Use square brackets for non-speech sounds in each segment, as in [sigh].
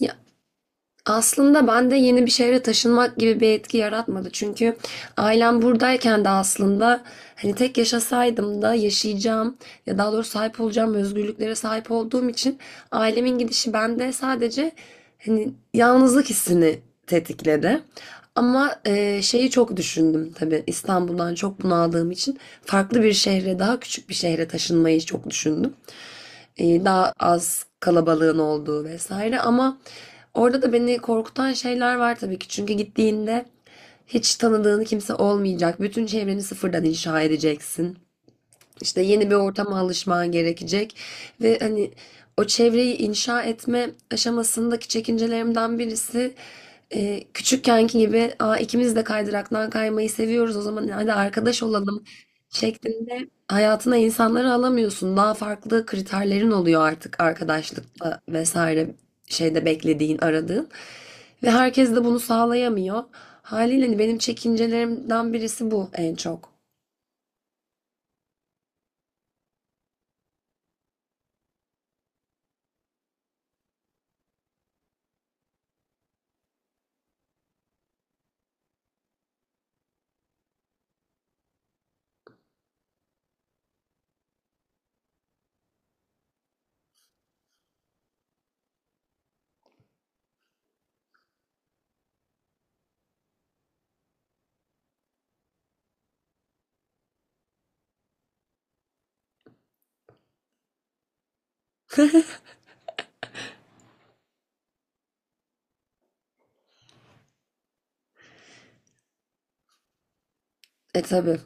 Ya aslında bende yeni bir şehre taşınmak gibi bir etki yaratmadı. Çünkü ailem buradayken de aslında hani tek yaşasaydım da yaşayacağım ya daha doğrusu sahip olacağım özgürlüklere sahip olduğum için ailemin gidişi bende sadece hani yalnızlık hissini tetikledi. Ama şeyi çok düşündüm tabii, İstanbul'dan çok bunaldığım için farklı bir şehre, daha küçük bir şehre taşınmayı çok düşündüm, daha az kalabalığın olduğu vesaire. Ama orada da beni korkutan şeyler var tabii ki. Çünkü gittiğinde hiç tanıdığın kimse olmayacak. Bütün çevreni sıfırdan inşa edeceksin. İşte yeni bir ortama alışman gerekecek ve hani o çevreyi inşa etme aşamasındaki çekincelerimden birisi, küçükkenki gibi "Aa, ikimiz de kaydıraktan kaymayı seviyoruz, o zaman hadi arkadaş olalım" şeklinde hayatına insanları alamıyorsun. Daha farklı kriterlerin oluyor artık arkadaşlıkta vesaire, şeyde, beklediğin, aradığın. Ve herkes de bunu sağlayamıyor. Haliyle hani benim çekincelerimden birisi bu en çok. [laughs] E tabii.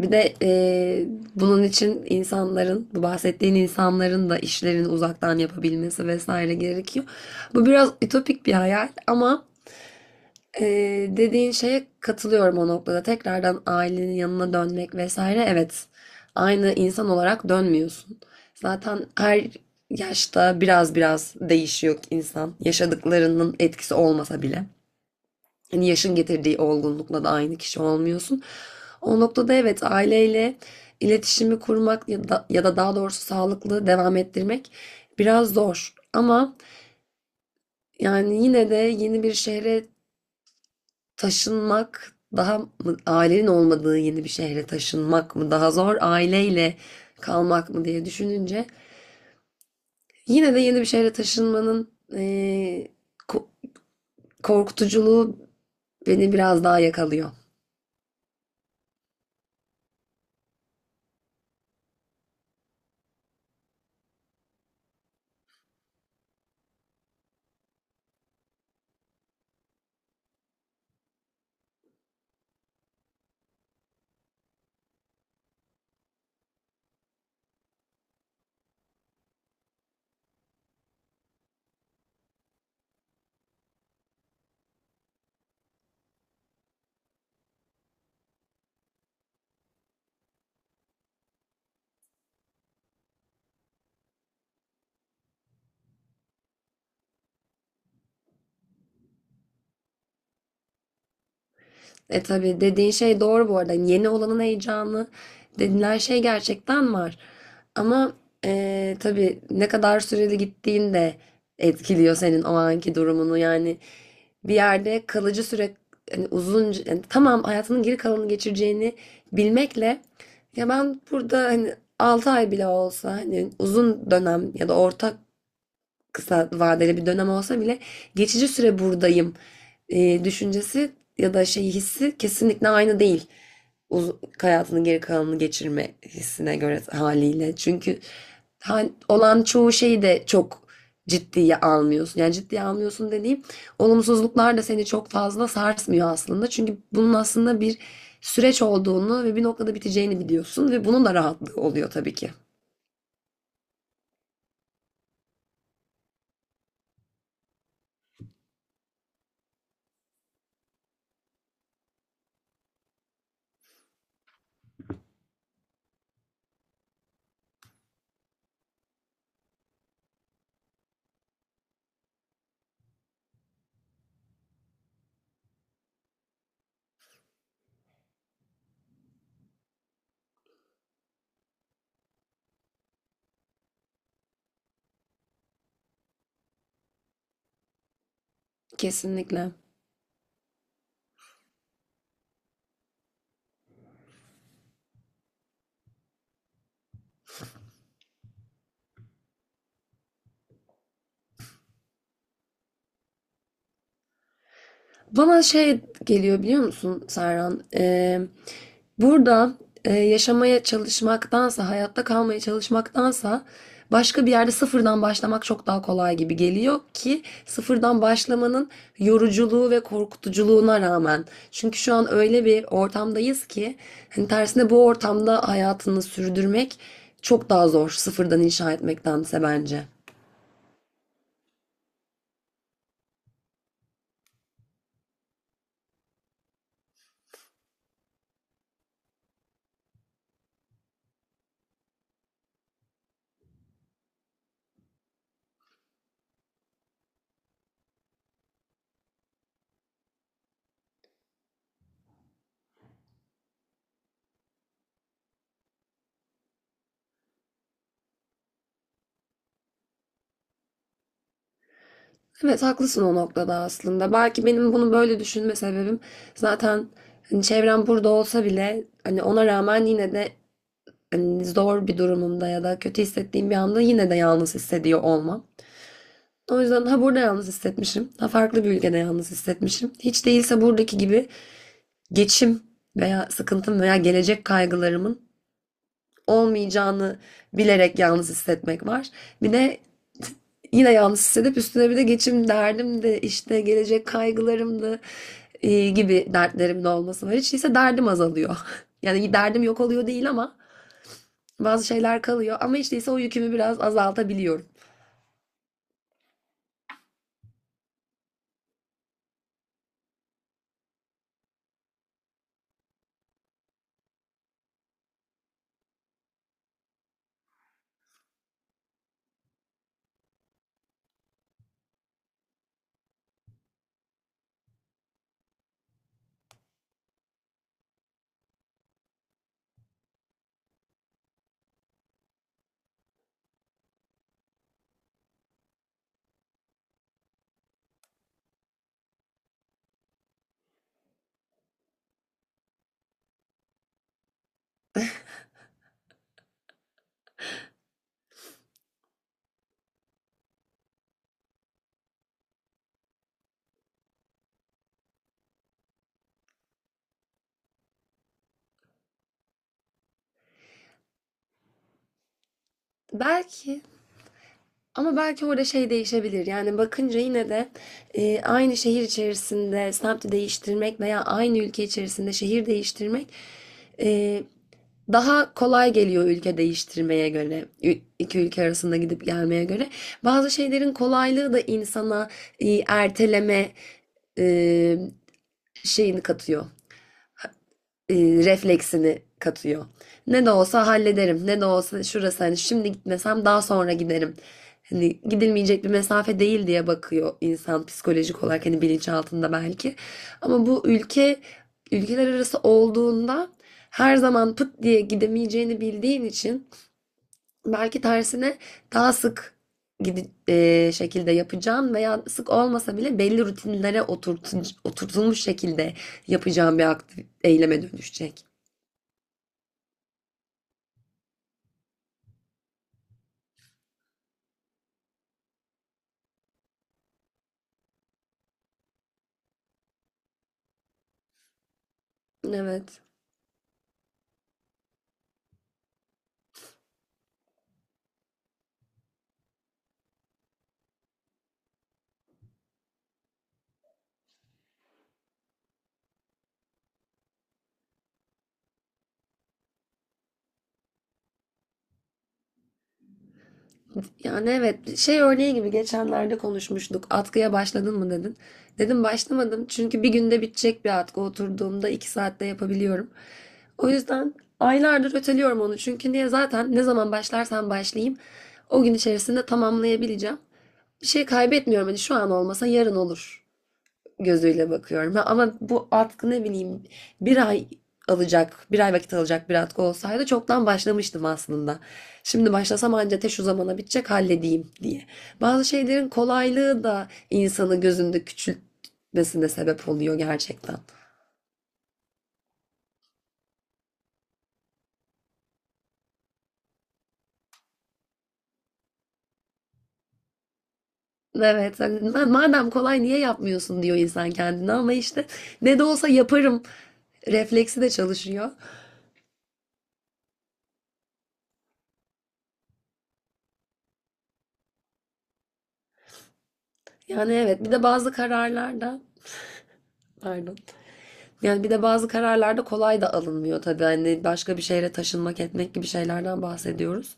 Bir de bunun için insanların, bu bahsettiğin insanların da işlerini uzaktan yapabilmesi vesaire gerekiyor. Bu biraz ütopik bir hayal, ama dediğin şeye katılıyorum o noktada. Tekrardan ailenin yanına dönmek vesaire, evet. Aynı insan olarak dönmüyorsun. Zaten her yaşta biraz biraz değişiyor insan. Yaşadıklarının etkisi olmasa bile. Hani yaşın getirdiği olgunlukla da aynı kişi olmuyorsun. O noktada evet, aileyle iletişimi kurmak ya da daha doğrusu sağlıklı devam ettirmek biraz zor. Ama yani yine de yeni bir şehre taşınmak daha mı, ailenin olmadığı yeni bir şehre taşınmak mı daha zor, aileyle kalmak mı diye düşününce yine de yeni bir şehre taşınmanın korkutuculuğu beni biraz daha yakalıyor. E tabii, dediğin şey doğru bu arada. Hani yeni olanın heyecanı denilen şey gerçekten var. Ama tabii ne kadar süreli gittiğin de etkiliyor senin o anki durumunu. Yani bir yerde kalıcı süre, hani uzun, yani tamam, hayatının geri kalanını geçireceğini bilmekle, ya ben burada hani 6 ay bile olsa, hani uzun dönem ya da orta, kısa vadeli bir dönem olsa bile geçici süre buradayım düşüncesi ya da şey hissi kesinlikle aynı değil. Uz- Hayatının geri kalanını geçirme hissine göre haliyle. Çünkü olan çoğu şeyi de çok ciddiye almıyorsun. Yani ciddiye almıyorsun dediğim, olumsuzluklar da seni çok fazla sarsmıyor aslında. Çünkü bunun aslında bir süreç olduğunu ve bir noktada biteceğini biliyorsun ve bunun da rahatlığı oluyor tabii ki. Kesinlikle. Bana şey geliyor biliyor musun Serhan? Burada yaşamaya çalışmaktansa, hayatta kalmaya çalışmaktansa başka bir yerde sıfırdan başlamak çok daha kolay gibi geliyor, ki sıfırdan başlamanın yoruculuğu ve korkutuculuğuna rağmen. Çünkü şu an öyle bir ortamdayız ki hani tersine, bu ortamda hayatını sürdürmek çok daha zor, sıfırdan inşa etmektense bence. Evet, haklısın o noktada aslında. Belki benim bunu böyle düşünme sebebim zaten hani çevrem burada olsa bile, hani ona rağmen yine de hani zor bir durumumda ya da kötü hissettiğim bir anda yine de yalnız hissediyor olmam. O yüzden ha burada yalnız hissetmişim, ha farklı bir ülkede yalnız hissetmişim. Hiç değilse buradaki gibi geçim veya sıkıntım veya gelecek kaygılarımın olmayacağını bilerek yalnız hissetmek var. Bir de yine yalnız hissedip üstüne bir de geçim derdim de, işte gelecek kaygılarım da gibi dertlerim de olması var. Hiç değilse derdim azalıyor. [laughs] Yani derdim yok oluyor değil, ama bazı şeyler kalıyor. Ama hiç değilse o yükümü biraz azaltabiliyorum. Belki Ama belki orada şey değişebilir. Yani bakınca yine de aynı şehir içerisinde semti değiştirmek veya aynı ülke içerisinde şehir değiştirmek e, daha kolay geliyor ülke değiştirmeye göre. İki ülke arasında gidip gelmeye göre. Bazı şeylerin kolaylığı da insana erteleme e, şeyini katıyor, e, refleksini katıyor. Ne de olsa hallederim. Ne de olsa şurası, hani şimdi gitmesem daha sonra giderim. Hani gidilmeyecek bir mesafe değil diye bakıyor insan psikolojik olarak, hani bilinçaltında belki. Ama bu ülkeler arası olduğunda her zaman pıt diye gidemeyeceğini bildiğin için belki tersine daha sık şekilde yapacağın veya sık olmasa bile belli rutinlere oturtulmuş şekilde yapacağın bir aktif eyleme dönüşecek. Evet. Yani evet, şey örneği gibi geçenlerde konuşmuştuk. Atkıya başladın mı dedin. Dedim başlamadım, çünkü bir günde bitecek bir atkı, oturduğumda iki saatte yapabiliyorum. O yüzden aylardır öteliyorum onu, çünkü niye, zaten ne zaman başlarsam başlayayım o gün içerisinde tamamlayabileceğim. Bir şey kaybetmiyorum, hani şu an olmasa yarın olur gözüyle bakıyorum. Ha, ama bu atkı ne bileyim bir ay bir ay vakit alacak bir atkı olsaydı çoktan başlamıştım aslında. Şimdi başlasam anca te şu zamana bitecek halledeyim diye. Bazı şeylerin kolaylığı da insanı gözünde küçültmesine sebep oluyor gerçekten. Evet, hani madem kolay niye yapmıyorsun diyor insan kendine ama işte ne de olsa yaparım refleksi de çalışıyor. Yani evet, bir de bazı kararlar da. Pardon. Yani bir de bazı kararlarda kolay da alınmıyor tabii. Hani başka bir şehre taşınmak etmek gibi şeylerden bahsediyoruz.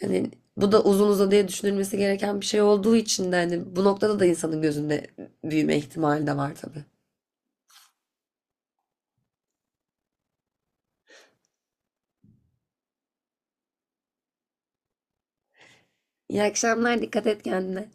Hani bu da uzun uzadıya düşünülmesi gereken bir şey olduğu için de, hani bu noktada da insanın gözünde büyüme ihtimali de var tabii. İyi akşamlar, dikkat et kendine.